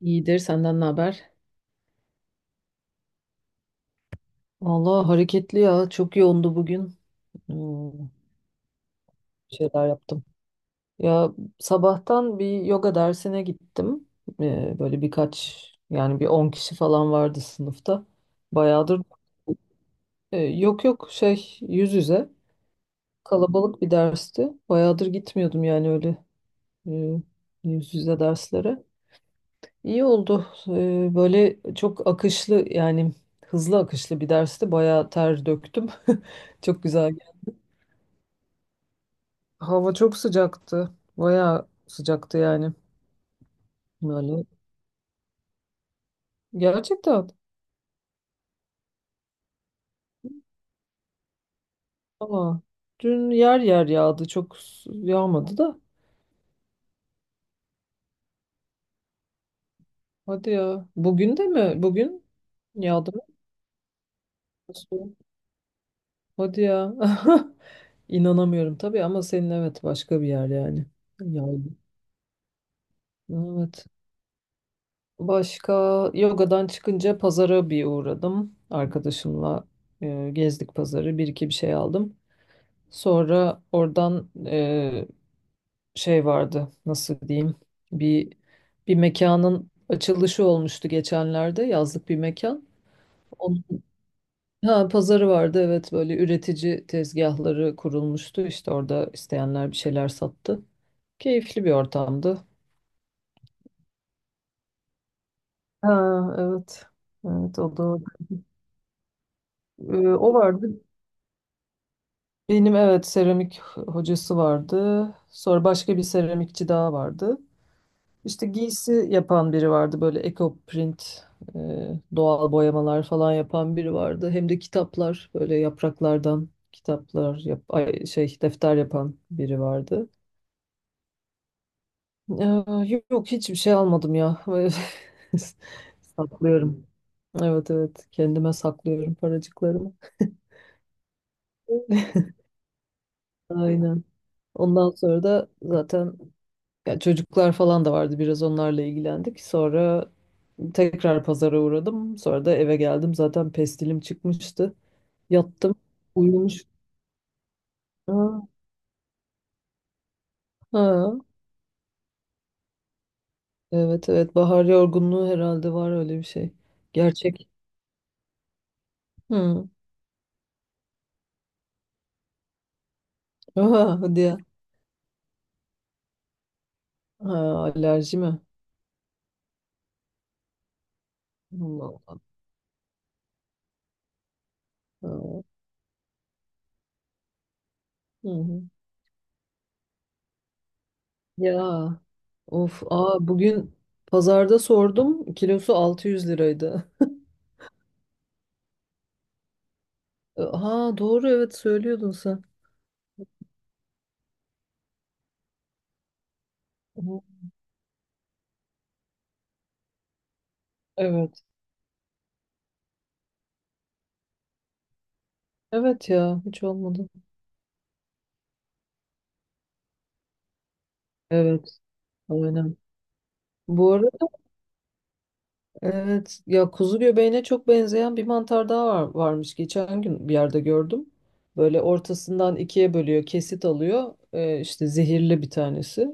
İyidir senden ne haber? Vallahi hareketli ya çok yoğundu bugün. Hmm, şeyler yaptım. Ya sabahtan bir yoga dersine gittim. Böyle birkaç yani bir 10 kişi falan vardı sınıfta. Bayağıdır yok yok şey yüz yüze kalabalık bir dersti. Bayağıdır gitmiyordum yani öyle e, yüz yüze derslere. İyi oldu. Böyle çok akışlı yani hızlı akışlı bir dersti. Bayağı ter döktüm. Çok güzel. Hava çok sıcaktı. Bayağı sıcaktı yani. Böyle. Gerçekten. Ama dün yer yer yağdı. Çok yağmadı da. Hadi ya. Bugün de mi? Bugün yağdı mı? Nasıl? Hadi ya. İnanamıyorum tabii ama senin evet başka bir yer yani. Yağdı. Evet. Başka yogadan çıkınca pazara bir uğradım. Arkadaşımla gezdik pazarı. Bir iki bir şey aldım. Sonra oradan şey vardı nasıl diyeyim bir bir mekanın açılışı olmuştu geçenlerde yazlık bir mekan. Onun, ha, pazarı vardı evet böyle üretici tezgahları kurulmuştu işte orada isteyenler bir şeyler sattı. Keyifli bir ortamdı. Ha, evet. Evet o da orada. O vardı. Benim evet seramik hocası vardı. Sonra başka bir seramikçi daha vardı. İşte giysi yapan biri vardı böyle eco print, e, doğal boyamalar falan yapan biri vardı. Hem de kitaplar böyle yapraklardan kitaplar şey defter yapan biri vardı. Ee, Yok yok, hiçbir şey almadım ya. Saklıyorum. Evet evet kendime saklıyorum paracıklarımı. Aynen. Ondan sonra da zaten ya çocuklar falan da vardı biraz onlarla ilgilendik. Sonra tekrar pazara uğradım. Sonra da eve geldim. Zaten pestilim çıkmıştı. Yattım. Uyumuş. Ha, ha. Evet evet bahar yorgunluğu herhalde var öyle bir şey. Gerçek. Hı. Aha, hadi ya. Ha, alerji mi? Allah Allah. Ha, hı hı. Ya of aa bugün pazarda sordum kilosu 600 liraydı. Ha doğru evet söylüyordun sen. Hı. Evet. Evet ya hiç olmadı. Evet aynen. Bu arada evet ya kuzu göbeğine çok benzeyen bir mantar daha var, varmış. Geçen gün bir yerde gördüm. Böyle ortasından ikiye bölüyor, kesit alıyor. İşte zehirli bir tanesi.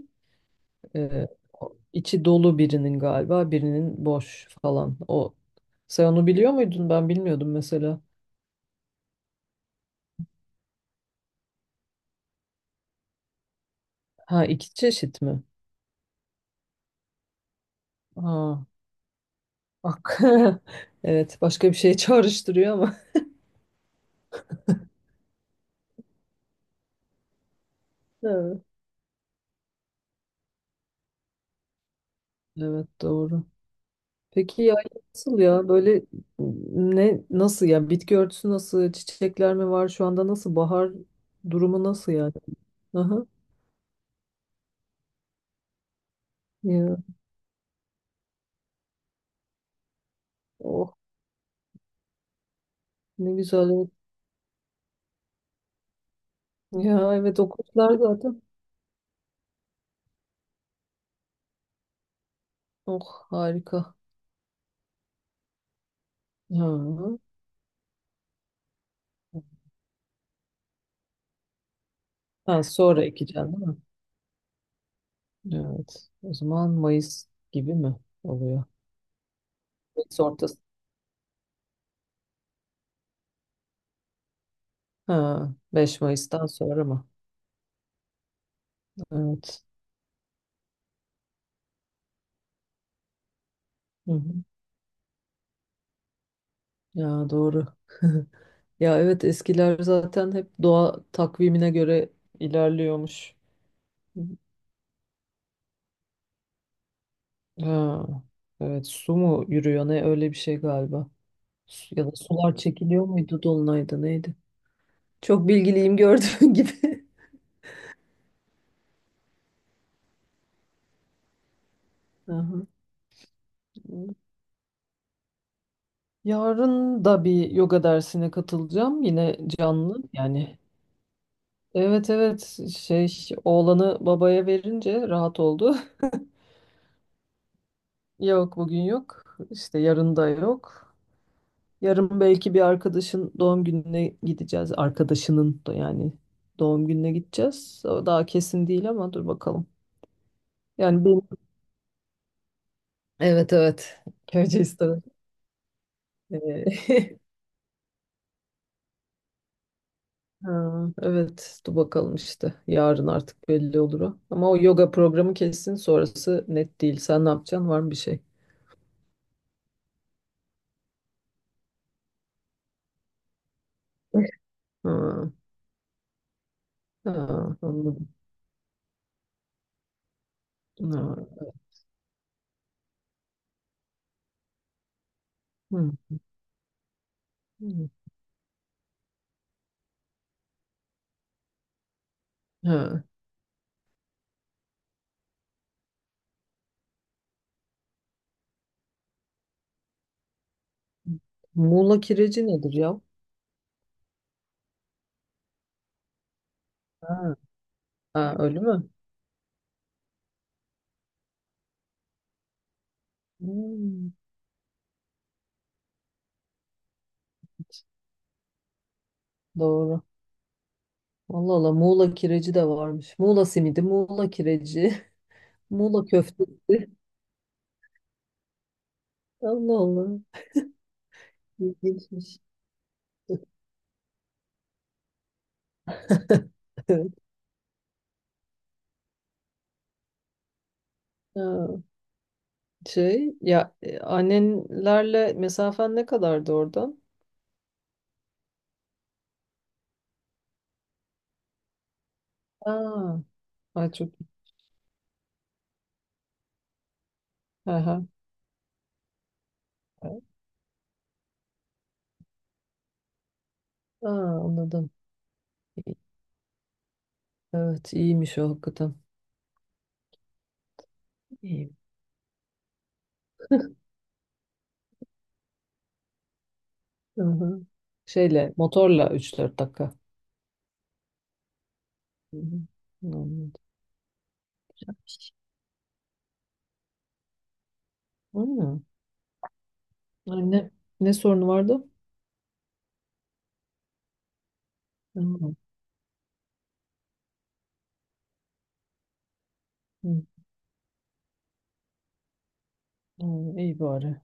Ee, içi dolu birinin galiba, birinin boş falan. O sen onu biliyor muydun? Ben bilmiyordum mesela. Ha iki çeşit mi? Ha bak. Evet başka bir şey çağrıştırıyor ama. Evet. Evet doğru. Peki ya nasıl ya böyle ne nasıl ya bitki örtüsü nasıl, çiçekler mi var şu anda, nasıl bahar durumu nasıl yani? Aha ya oh ne güzel evet. Ya evet o kuşlar zaten oh harika ya. Ha, sonra ekeceğim değil mi? Evet o zaman Mayıs gibi mi oluyor? Mayıs ortası, ha 5 Mayıs'tan sonra mı? Evet. Hı hı. Ya doğru. Ya evet eskiler zaten hep doğa takvimine göre ilerliyormuş. Ha, evet su mu yürüyor ne öyle bir şey galiba. Ya da sular çekiliyor muydu dolunayda neydi? Çok bilgiliyim gördüğün gibi. Aha. Yarın da bir yoga dersine katılacağım yine canlı yani. Evet evet oğlanı babaya verince rahat oldu. Yok bugün yok işte yarın da yok. Yarın belki bir arkadaşın doğum gününe gideceğiz. Arkadaşının da yani doğum gününe gideceğiz. O daha kesin değil ama dur bakalım. Yani benim. Evet evet. Gürcistan. Ee, ha, evet dur bakalım işte. Yarın artık belli olur o. Ama o yoga programı kesin sonrası net değil. Sen ne yapacaksın? Var mı bir şey? Ha, ha, anladım. Ha, hı, hı, ha. Muğla kireci nedir ya? Ha, ha, öyle mi? Hmm, doğru. Allah Allah Muğla kireci de varmış. Muğla simidi, Muğla kireci, Muğla köftesi. Allah Allah. İlginçmiş. Evet. Ha, şey ya annenlerle mesafen ne kadardı oradan? Aa, ay çok. Hı hı. Aa, anladım. İyi. Evet iyiymiş o hakikaten. İyi. Hı hı. Şeyle motorla üç dört dakika. Hı hı. Anladım. Hı. Anne ne sorunu vardı? Hı. Hı. Hı, İyi bari.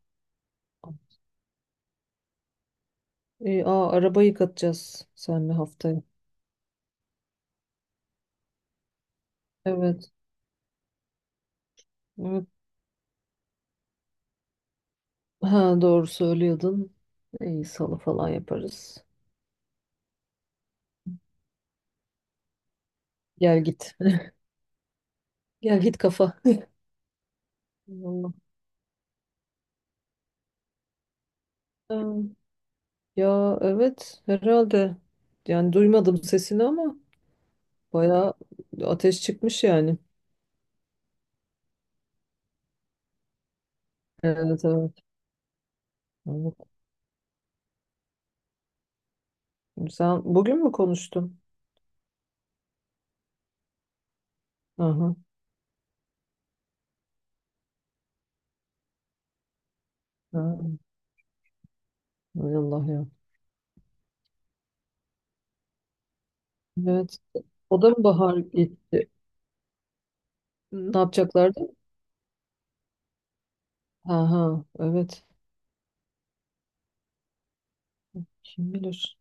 Aa, araba yıkatacağız senle haftaya. Evet. Evet. Ha, doğru söylüyordun. İyi salı falan yaparız. Gel git. Gel git kafa. Vallahi. Ha, ya evet herhalde. Yani duymadım sesini ama bayağı ateş çıkmış yani. Evet evet. Evet. Sen bugün mü konuştun? Aha. Ha. Hay Allah ya. Evet. O da mı bahar gitti? Ne yapacaklardı? Aha evet. Kim bilir.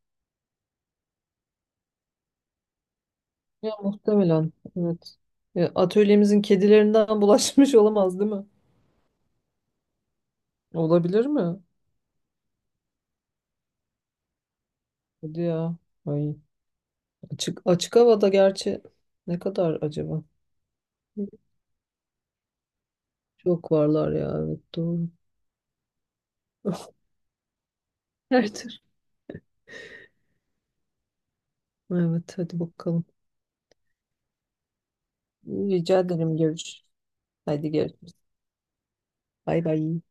Ya muhtemelen. Evet. Ya, atölyemizin kedilerinden bulaşmış olamaz değil mi? Olabilir mi? Hadi ya. Ay. Açık havada gerçi ne kadar acaba? Çok varlar ya. Evet doğru. Her türlü. Evet hadi bakalım. Rica ederim görüş. Hadi görüşürüz. Bay bay.